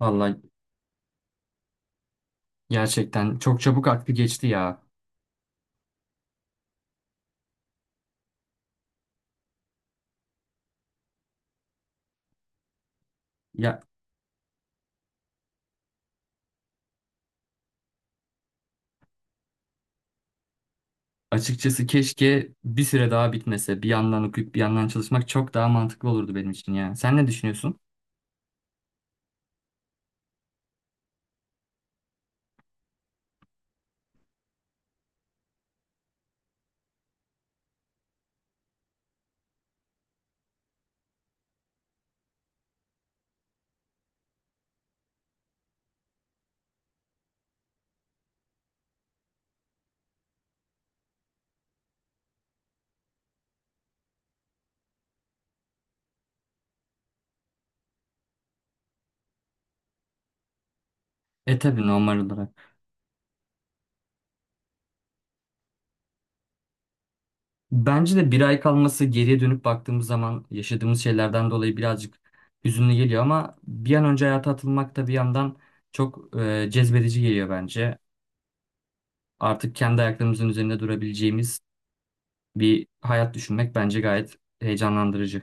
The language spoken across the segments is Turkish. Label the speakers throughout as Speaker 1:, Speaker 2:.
Speaker 1: Vallahi gerçekten çok çabuk aklı geçti ya. Ya açıkçası keşke bir süre daha bitmese. Bir yandan okuyup bir yandan çalışmak çok daha mantıklı olurdu benim için ya. Sen ne düşünüyorsun? E tabii normal olarak. Bence de bir ay kalması geriye dönüp baktığımız zaman yaşadığımız şeylerden dolayı birazcık hüzünlü geliyor ama bir an önce hayata atılmak da bir yandan çok cezbedici geliyor bence. Artık kendi ayaklarımızın üzerinde durabileceğimiz bir hayat düşünmek bence gayet heyecanlandırıcı.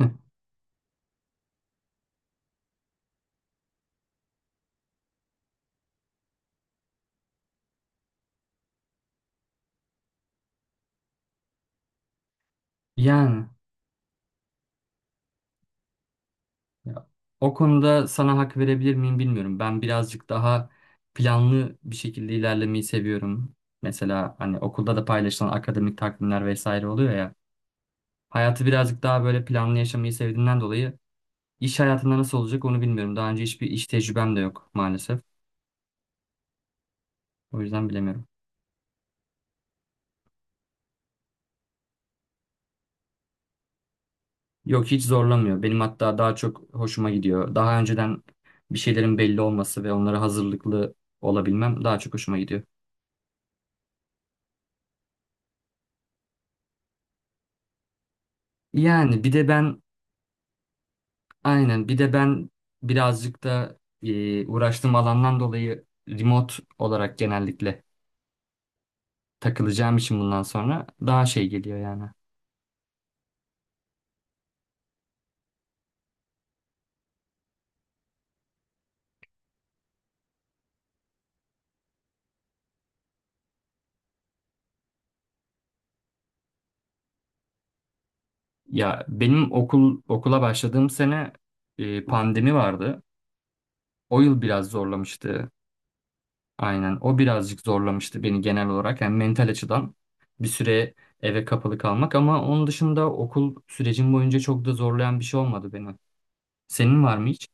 Speaker 1: Yani. Ya, o konuda sana hak verebilir miyim bilmiyorum. Ben birazcık daha planlı bir şekilde ilerlemeyi seviyorum. Mesela hani okulda da paylaşılan akademik takvimler vesaire oluyor ya. Hayatı birazcık daha böyle planlı yaşamayı sevdiğimden dolayı iş hayatında nasıl olacak onu bilmiyorum. Daha önce hiçbir iş tecrübem de yok maalesef. O yüzden bilemiyorum. Yok, hiç zorlamıyor. Benim hatta daha çok hoşuma gidiyor. Daha önceden bir şeylerin belli olması ve onlara hazırlıklı olabilmem daha çok hoşuma gidiyor. Yani bir de ben aynen. Bir de ben birazcık da uğraştığım alandan dolayı remote olarak genellikle takılacağım için bundan sonra daha şey geliyor yani. Ya benim okul okula başladığım sene pandemi vardı. O yıl biraz zorlamıştı. Aynen. O birazcık zorlamıştı beni genel olarak. Yani mental açıdan bir süre eve kapalı kalmak ama onun dışında okul sürecim boyunca çok da zorlayan bir şey olmadı beni. Senin var mı hiç?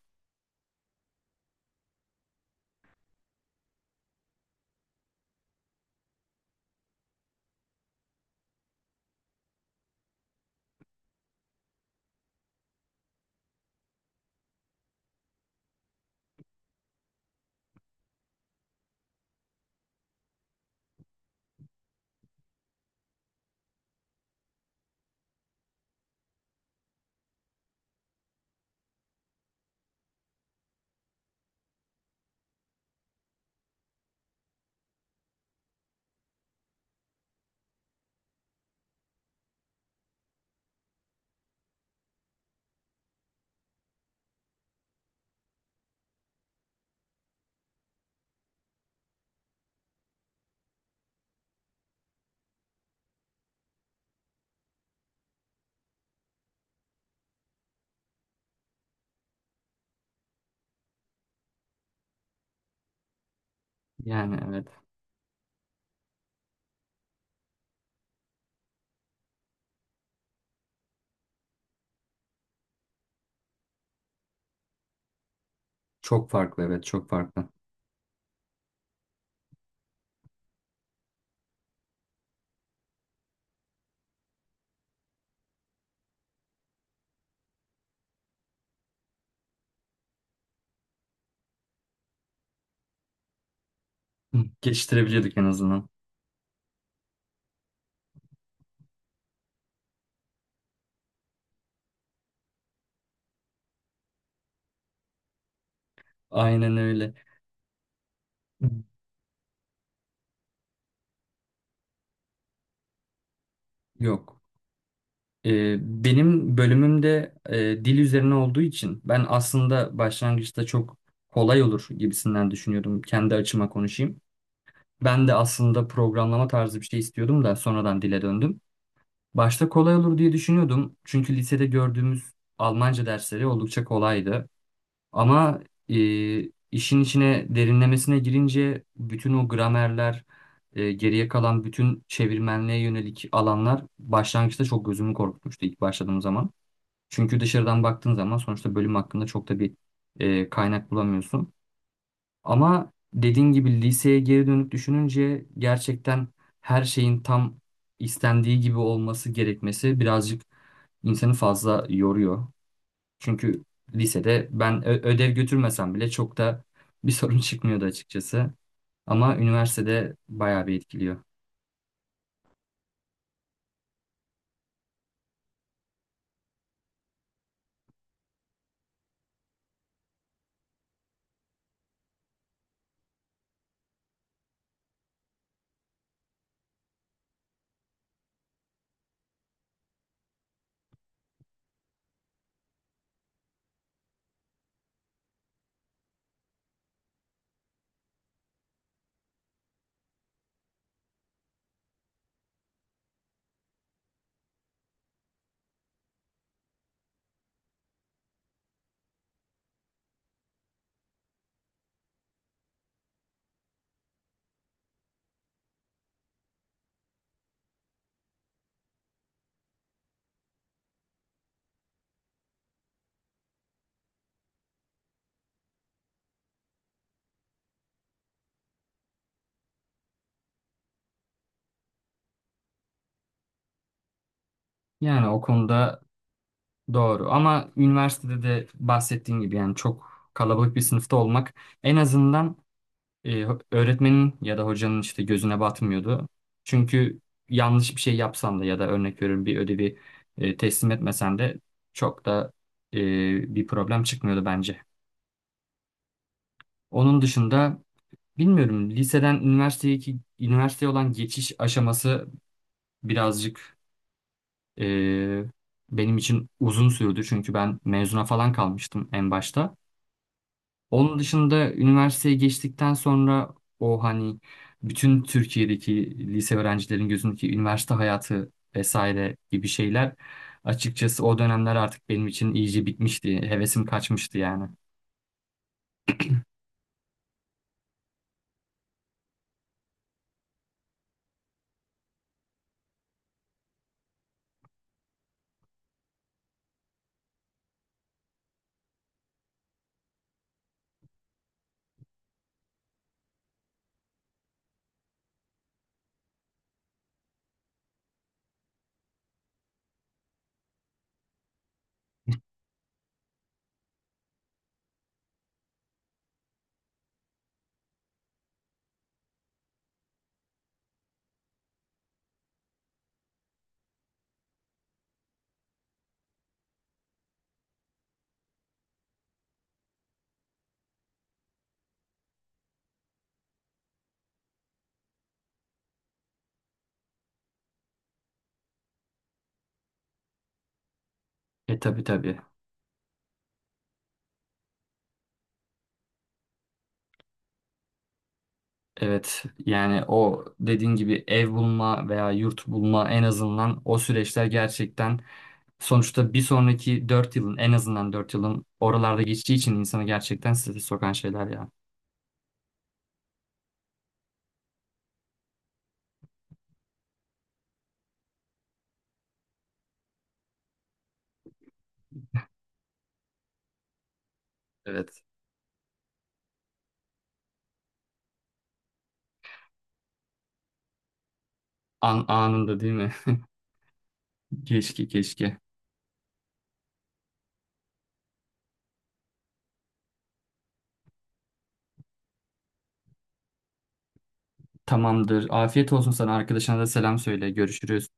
Speaker 1: Yani evet. Çok farklı, evet, çok farklı. Hı, geçtirebiliyorduk en azından. Aynen öyle. Hı. Yok. Ee, Benim bölümümde dil üzerine olduğu için ben aslında başlangıçta çok kolay olur gibisinden düşünüyordum. Kendi açıma konuşayım. Ben de aslında programlama tarzı bir şey istiyordum da sonradan dile döndüm. Başta kolay olur diye düşünüyordum. Çünkü lisede gördüğümüz Almanca dersleri oldukça kolaydı. Ama e, işin içine derinlemesine girince bütün o gramerler, geriye kalan bütün çevirmenliğe yönelik alanlar başlangıçta çok gözümü korkutmuştu ilk başladığım zaman. Çünkü dışarıdan baktığın zaman sonuçta bölüm hakkında çok da bir kaynak bulamıyorsun. Ama dediğin gibi liseye geri dönüp düşününce gerçekten her şeyin tam istendiği gibi olması gerekmesi birazcık insanı fazla yoruyor. Çünkü lisede ben ödev götürmesem bile çok da bir sorun çıkmıyordu açıkçası. Ama üniversitede bayağı bir etkiliyor. Yani o konuda doğru. Ama üniversitede de bahsettiğim gibi yani çok kalabalık bir sınıfta olmak en azından e, öğretmenin ya da hocanın işte gözüne batmıyordu. Çünkü yanlış bir şey yapsan da ya da örnek veriyorum bir ödevi teslim etmesen de çok da e, bir problem çıkmıyordu bence. Onun dışında bilmiyorum. Liseden üniversiteye üniversiteye olan geçiş aşaması birazcık eee, benim için uzun sürdü. Çünkü ben mezuna falan kalmıştım en başta. Onun dışında üniversiteye geçtikten sonra o hani bütün Türkiye'deki lise öğrencilerin gözündeki üniversite hayatı vesaire gibi şeyler açıkçası o dönemler artık benim için iyice bitmişti. Hevesim kaçmıştı yani. E tabii, tabii. Evet, yani o dediğin gibi ev bulma veya yurt bulma en azından o süreçler gerçekten sonuçta bir sonraki 4 yılın en azından 4 yılın oralarda geçtiği için insanı gerçekten strese sokan şeyler ya. Evet. An anında değil mi? Keşke, keşke. Tamamdır. Afiyet olsun, sana arkadaşına da selam söyle. Görüşürüz.